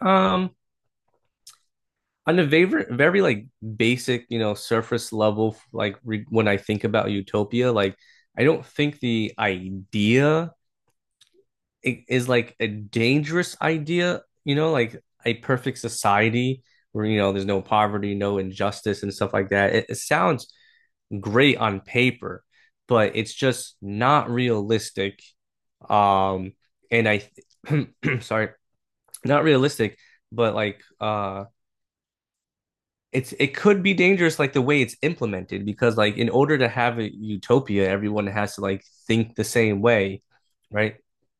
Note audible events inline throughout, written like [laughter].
Um, on a very like basic, you know, surface level, like re when I think about utopia, like I don't think the idea is like a dangerous idea, you know, like a perfect society where you know there's no poverty, no injustice, and stuff like that. It sounds great on paper, but it's just not realistic. Um, and I, th [clears throat] sorry, Not realistic, but it could be dangerous like the way it's implemented, because like in order to have a utopia everyone has to like think the same way, right,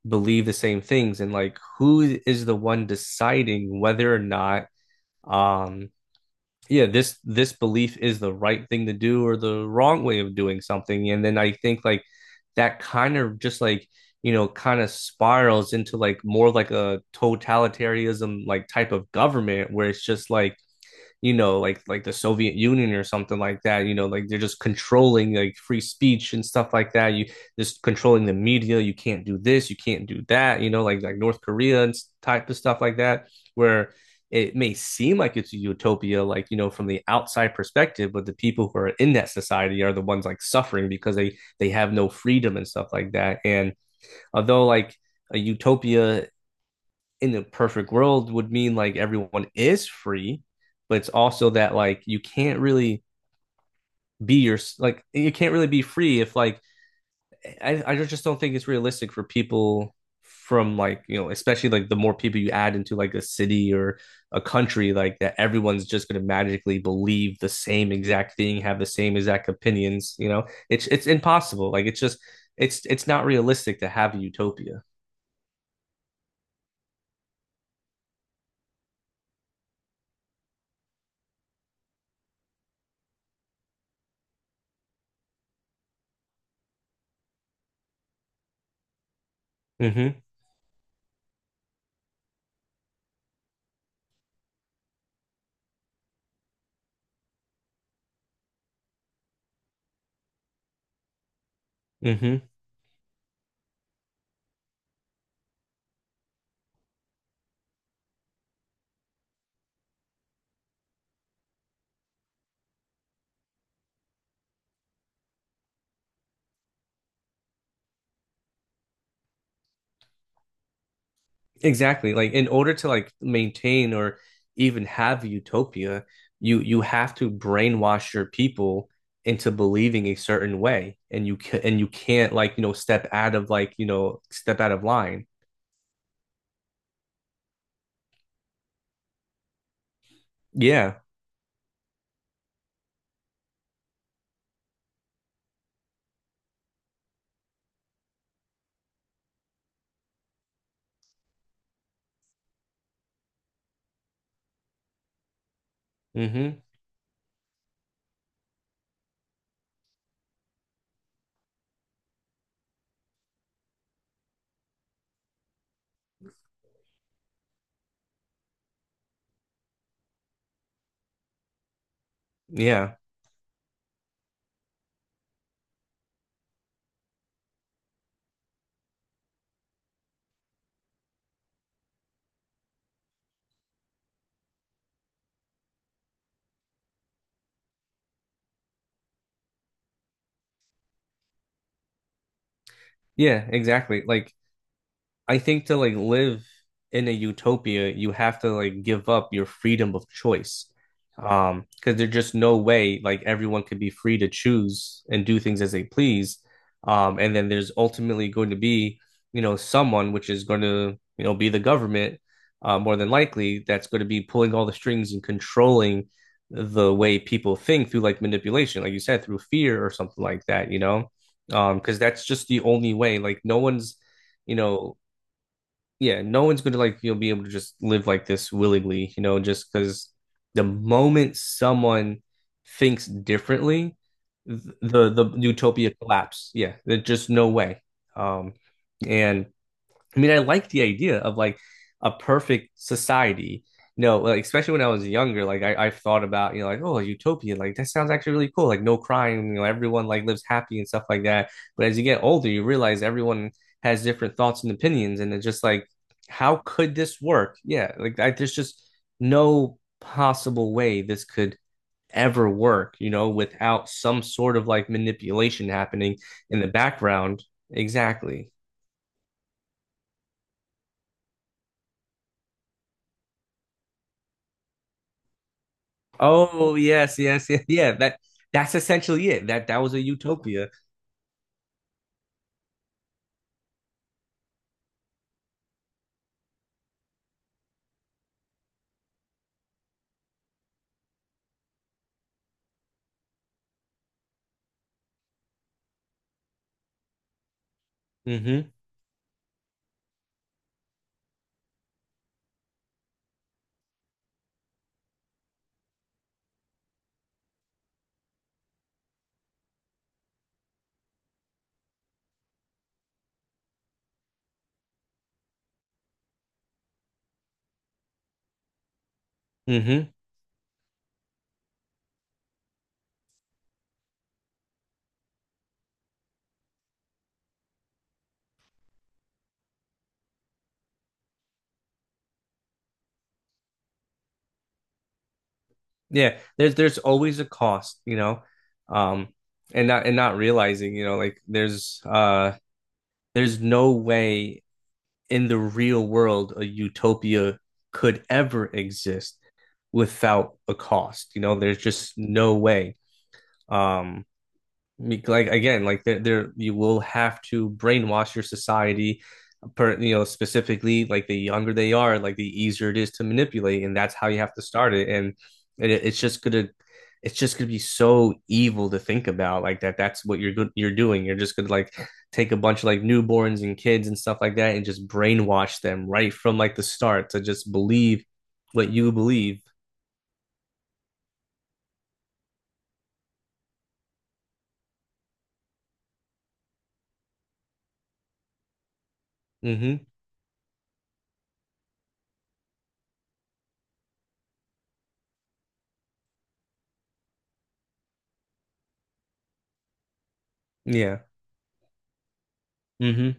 believe the same things, and like who is the one deciding whether or not, um yeah, this belief is the right thing to do or the wrong way of doing something. And then I think like that kind of just like, you know, kind of spirals into like more like a totalitarianism like type of government where it's just like, you know, like the Soviet Union or something like that. You know, like they're just controlling like free speech and stuff like that. You just controlling the media. You can't do this. You can't do that. You know, like North Korea and type of stuff like that, where it may seem like it's a utopia, like you know, from the outside perspective, but the people who are in that society are the ones like suffering because they have no freedom and stuff like that. And although like a utopia in the perfect world would mean like everyone is free, but it's also that like you can't really be your like you can't really be free if like I just don't think it's realistic for people from like you know, especially like the more people you add into like a city or a country like that, everyone's just going to magically believe the same exact thing, have the same exact opinions. You know, it's impossible, like it's just it's not realistic to have a utopia. Mm-hmm. Mm-hmm. Exactly. Like in order to like maintain or even have utopia, you have to brainwash your people into believing a certain way, and you can't like you know step out of like you know step out of line. Yeah. Hmm. Yeah. Yeah. Exactly. Like I think to like live in a utopia, you have to like give up your freedom of choice. Because there's just no way like everyone could be free to choose and do things as they please. And then there's ultimately going to be, you know, someone which is going to, you know, be the government, more than likely, that's going to be pulling all the strings and controlling the way people think through like manipulation, like you said, through fear or something like that, you know? Because that's just the only way. Like no one's, you know, yeah, no one's gonna like you'll be able to just live like this willingly, you know, just because the moment someone thinks differently, the utopia collapse. Yeah, there's just no way. Um, and I mean, I like the idea of like a perfect society. You know, like, especially when I was younger, like I've thought about, you know, like, oh, utopia, like that sounds actually really cool. Like no crime, you know, everyone like lives happy and stuff like that. But as you get older, you realize everyone has different thoughts and opinions, and it's just like, how could this work? Yeah, there's just no possible way this could ever work, you know, without some sort of like manipulation happening in the background. Exactly. Oh yes, yes, yes, yeah. That that's essentially it. That was a utopia. Hmm. Hmm. Yeah. There's always a cost, you know. Um, and not and Not realizing, you know, like there's no way in the real world a utopia could ever exist without a cost. You know, there's just no way. Um, like again like there you will have to brainwash your society, per you know, specifically like the younger they are, like the easier it is to manipulate, and that's how you have to start it. And it's just gonna be so evil to think about, like that that's what you're doing. You're just gonna like take a bunch of like newborns and kids and stuff like that and just brainwash them right from like the start to just believe what you believe. Mm-hmm. Yeah. Mm-hmm.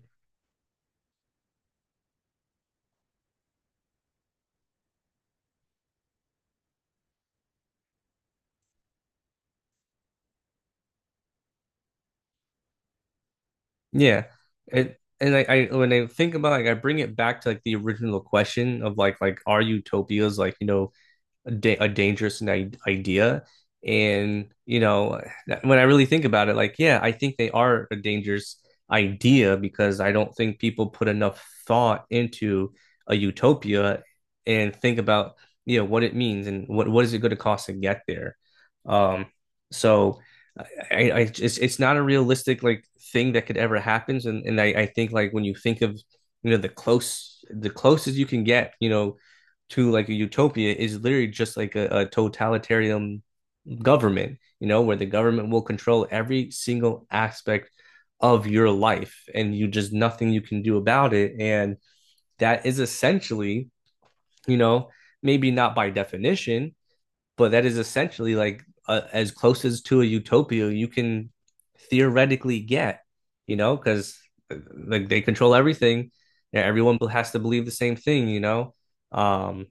Yeah. It and I when I think about like I bring it back to like the original question of like are utopias like you know a dangerous idea. And, you know, when I really think about it, like, yeah, I think they are a dangerous idea because I don't think people put enough thought into a utopia and think about, you know, what it means and what is it going to cost to get there. Um, so it's not a realistic like thing that could ever happen. And I think like when you think of, you know, the closest you can get, you know, to like a utopia is literally just like a totalitarian government, you know, where the government will control every single aspect of your life, and you just nothing you can do about it. And that is essentially, you know, maybe not by definition, but that is essentially like as close as to a utopia you can theoretically get, you know, because like they control everything. Yeah, everyone has to believe the same thing, you know. Um,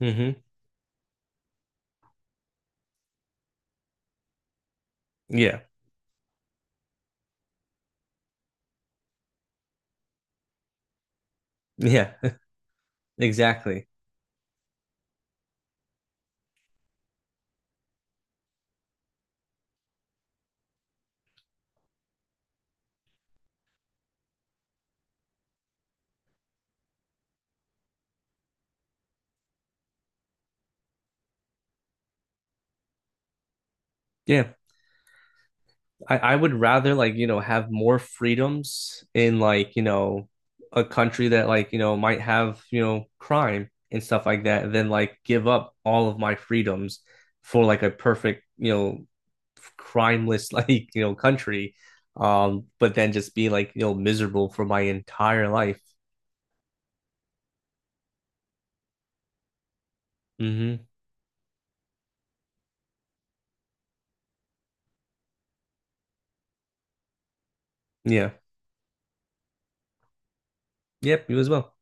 mm-hmm. Yeah. Yeah, [laughs] exactly. Yeah, I would rather like, you know, have more freedoms in like, you know, a country that like, you know, might have, you know, crime and stuff like that, than like give up all of my freedoms for like a perfect, you know, crimeless [laughs] like, you know, country. But then just be like, you know, miserable for my entire life. Hmm. Yeah. Yep, you as well.